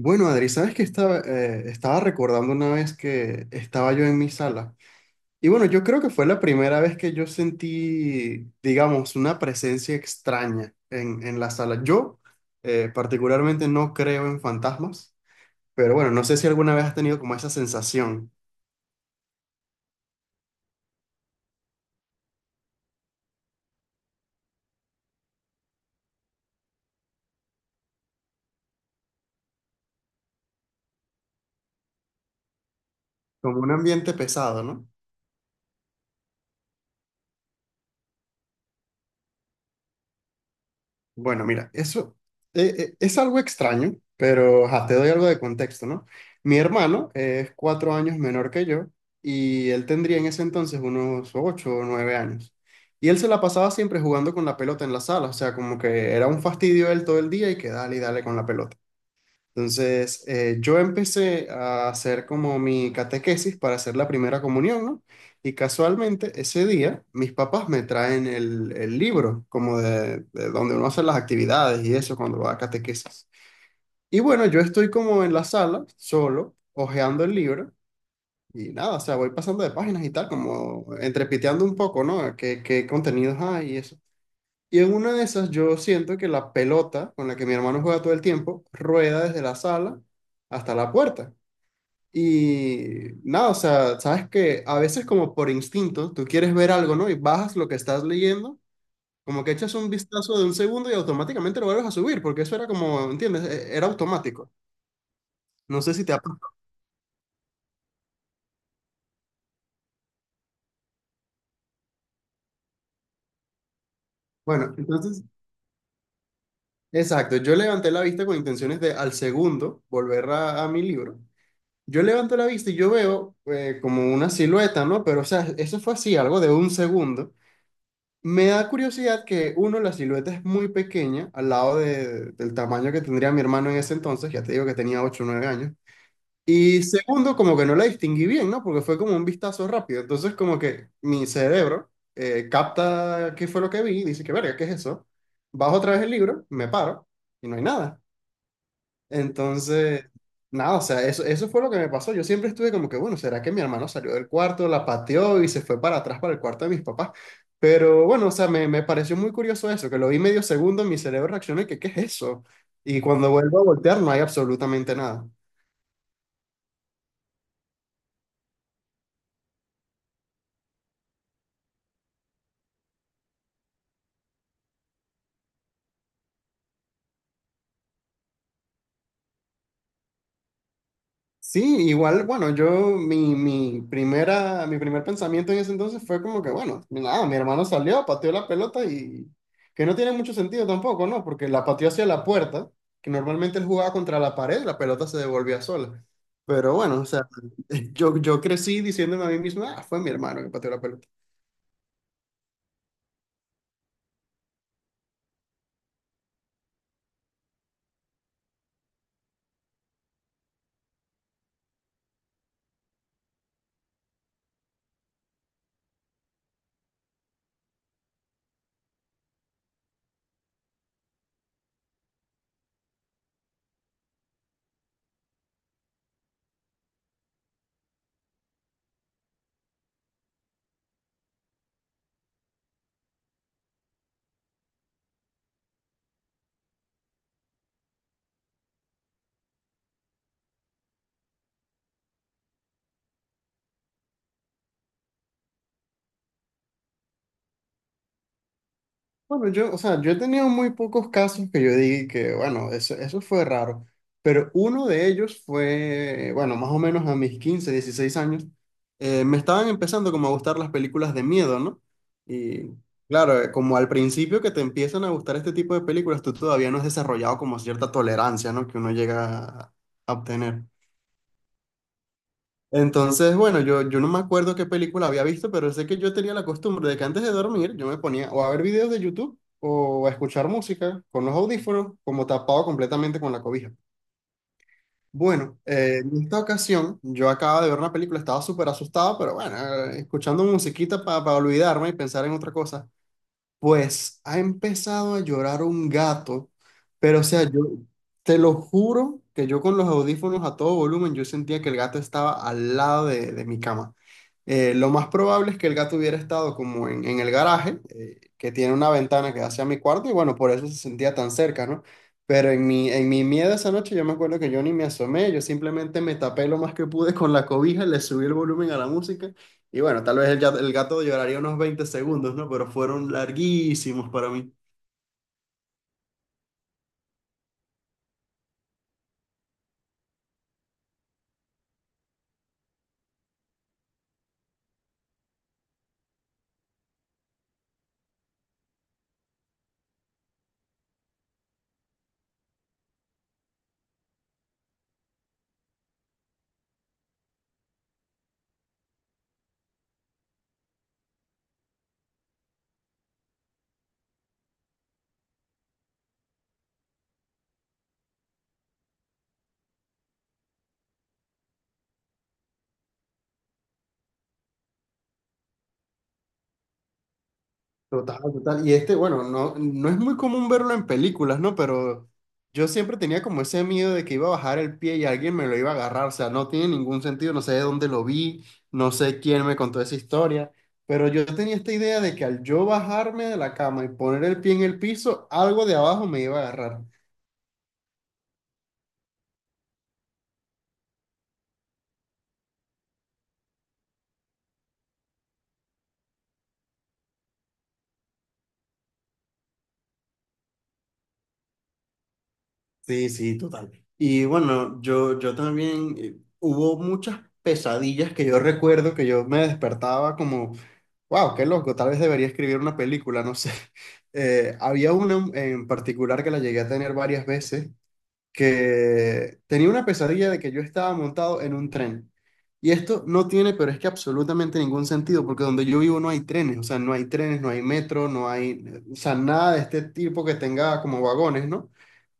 Bueno, Adri, sabes que estaba, estaba recordando una vez que estaba yo en mi sala. Y bueno, yo creo que fue la primera vez que yo sentí, digamos, una presencia extraña en la sala. Yo particularmente no creo en fantasmas, pero bueno, no sé si alguna vez has tenido como esa sensación, como un ambiente pesado, ¿no? Bueno, mira, eso es algo extraño, pero ajá, te doy algo de contexto, ¿no? Mi hermano es 4 años menor que yo y él tendría en ese entonces unos 8 o 9 años. Y él se la pasaba siempre jugando con la pelota en la sala, o sea, como que era un fastidio él todo el día y que dale y dale con la pelota. Entonces, yo empecé a hacer como mi catequesis para hacer la primera comunión, ¿no? Y casualmente ese día mis papás me traen el libro, como de donde uno hace las actividades y eso cuando va a catequesis. Y bueno, yo estoy como en la sala, solo, hojeando el libro y nada, o sea, voy pasando de páginas y tal, como entrepiteando un poco, ¿no? ¿Qué, qué contenidos hay y eso? Y en una de esas yo siento que la pelota con la que mi hermano juega todo el tiempo rueda desde la sala hasta la puerta. Y nada, o sea, sabes que a veces como por instinto tú quieres ver algo, ¿no? Y bajas lo que estás leyendo, como que echas un vistazo de un segundo y automáticamente lo vuelves a subir, porque eso era como, ¿entiendes? Era automático. No sé si te ha pasado. Bueno, entonces, exacto, yo levanté la vista con intenciones de al segundo volver a mi libro. Yo levanto la vista y yo veo como una silueta, ¿no? Pero, o sea, eso fue así, algo de un segundo. Me da curiosidad que, uno, la silueta es muy pequeña al lado del tamaño que tendría mi hermano en ese entonces, ya te digo que tenía 8 o 9 años. Y segundo, como que no la distinguí bien, ¿no? Porque fue como un vistazo rápido. Entonces, como que mi cerebro capta qué fue lo que vi y dice que, verga, ¿qué es eso? Bajo otra vez el libro, me paro y no hay nada. Entonces, nada, o sea, eso fue lo que me pasó. Yo siempre estuve como que, bueno, ¿será que mi hermano salió del cuarto, la pateó y se fue para atrás para el cuarto de mis papás? Pero bueno, o sea, me pareció muy curioso eso, que lo vi medio segundo, mi cerebro reaccionó y que, ¿qué es eso? Y cuando vuelvo a voltear no hay absolutamente nada. Sí, igual, bueno, yo, mi primer pensamiento en ese entonces fue como que, bueno, nada, mi hermano salió, pateó la pelota y que no tiene mucho sentido tampoco, ¿no? Porque la pateó hacia la puerta, que normalmente él jugaba contra la pared, la pelota se devolvía sola. Pero bueno, o sea, yo crecí diciéndome a mí mismo, ah, fue mi hermano que pateó la pelota. Bueno, yo, o sea, yo he tenido muy pocos casos que yo diga que, bueno, eso fue raro, pero uno de ellos fue, bueno, más o menos a mis 15, 16 años, me estaban empezando como a gustar las películas de miedo, ¿no? Y claro, como al principio que te empiezan a gustar este tipo de películas, tú todavía no has desarrollado como cierta tolerancia, ¿no? Que uno llega a obtener. Entonces, bueno, yo no me acuerdo qué película había visto, pero sé que yo tenía la costumbre de que antes de dormir yo me ponía o a ver videos de YouTube o a escuchar música con los audífonos, como tapado completamente con la cobija. Bueno, en esta ocasión yo acababa de ver una película, estaba súper asustado, pero bueno, escuchando musiquita para olvidarme y pensar en otra cosa. Pues ha empezado a llorar un gato, pero o sea, yo te lo juro que yo con los audífonos a todo volumen, yo sentía que el gato estaba al lado de mi cama. Lo más probable es que el gato hubiera estado como en el garaje, que tiene una ventana que da hacia mi cuarto, y bueno, por eso se sentía tan cerca, ¿no? Pero en en mi miedo esa noche yo me acuerdo que yo ni me asomé, yo simplemente me tapé lo más que pude con la cobija, le subí el volumen a la música y bueno, tal vez el gato lloraría unos 20 segundos, ¿no? Pero fueron larguísimos para mí. Total, total. Y este, bueno, no, no es muy común verlo en películas, ¿no? Pero yo siempre tenía como ese miedo de que iba a bajar el pie y alguien me lo iba a agarrar. O sea, no tiene ningún sentido, no sé de dónde lo vi, no sé quién me contó esa historia. Pero yo tenía esta idea de que al yo bajarme de la cama y poner el pie en el piso, algo de abajo me iba a agarrar. Sí, sí, total. Y bueno, yo también hubo muchas pesadillas que yo recuerdo que yo me despertaba como, wow, qué loco, tal vez debería escribir una película, no sé. Había una en particular que la llegué a tener varias veces, que tenía una pesadilla de que yo estaba montado en un tren. Y esto no tiene, pero es que absolutamente ningún sentido, porque donde yo vivo no hay trenes, o sea, no hay trenes, no hay metro, no hay, o sea, nada de este tipo que tenga como vagones, ¿no?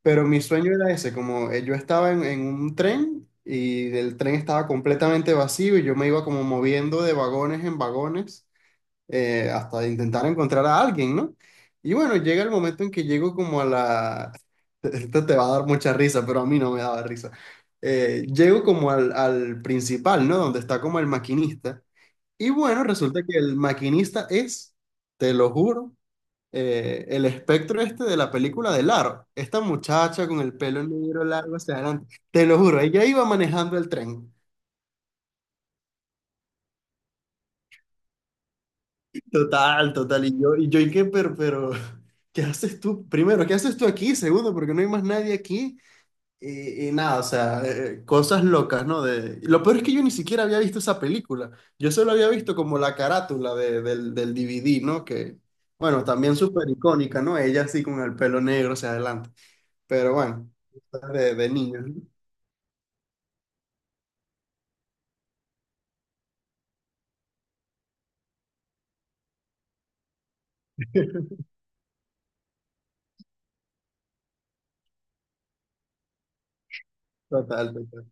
Pero mi sueño era ese, como yo estaba en un tren y el tren estaba completamente vacío y yo me iba como moviendo de vagones en vagones hasta intentar encontrar a alguien, ¿no? Y bueno, llega el momento en que llego como a la... Esto te va a dar mucha risa, pero a mí no me daba risa. Llego como al principal, ¿no? Donde está como el maquinista. Y bueno, resulta que el maquinista es, te lo juro, el espectro este de la película de Laro. Esta muchacha con el pelo negro largo hacia adelante. Te lo juro, ella iba manejando el tren. Total, total. Y yo, y yo, ¿y qué? Pero, ¿qué haces tú? Primero, ¿qué haces tú aquí? Segundo, porque no hay más nadie aquí. Y nada, o sea, cosas locas, ¿no? De, y lo peor es que yo ni siquiera había visto esa película. Yo solo había visto como la carátula del DVD, ¿no? Que, bueno, también súper icónica, ¿no? Ella así con el pelo negro hacia adelante. Pero bueno, de niños, ¿no? Total, total.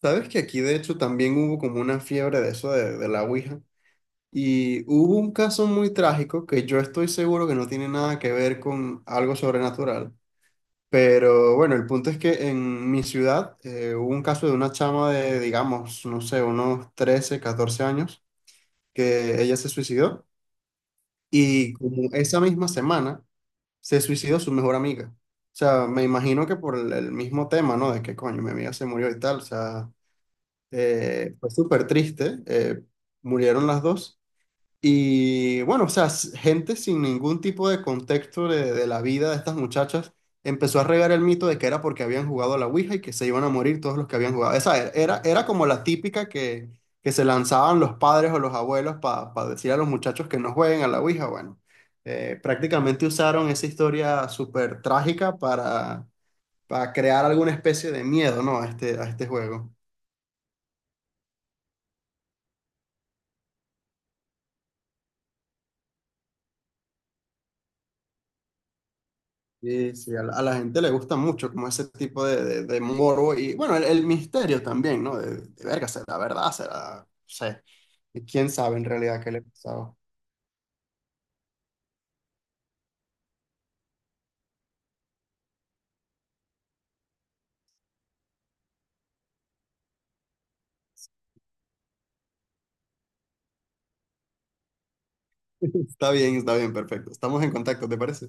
¿Sabes que aquí de hecho también hubo como una fiebre de eso de la Ouija? Y hubo un caso muy trágico que yo estoy seguro que no tiene nada que ver con algo sobrenatural. Pero bueno, el punto es que en mi ciudad hubo un caso de una chama de, digamos, no sé, unos 13, 14 años, que ella se suicidó. Y como esa misma semana se suicidó su mejor amiga. O sea, me imagino que por el mismo tema, ¿no? De que coño, mi amiga se murió y tal. O sea, fue súper triste. Murieron las dos. Y bueno, o sea, gente sin ningún tipo de contexto de la vida de estas muchachas empezó a regar el mito de que era porque habían jugado a la Ouija y que se iban a morir todos los que habían jugado. Esa era como la típica que se lanzaban los padres o los abuelos para decir a los muchachos que no jueguen a la Ouija. Bueno, prácticamente usaron esa historia súper trágica para crear alguna especie de miedo, ¿no? A este, a este juego. Sí, sí, a a la gente le gusta mucho como ese tipo de morbo y bueno, el misterio también, ¿no? De verga, será verdad, será, no sé, quién sabe en realidad qué le pasaba. Está bien, perfecto. Estamos en contacto, ¿te parece?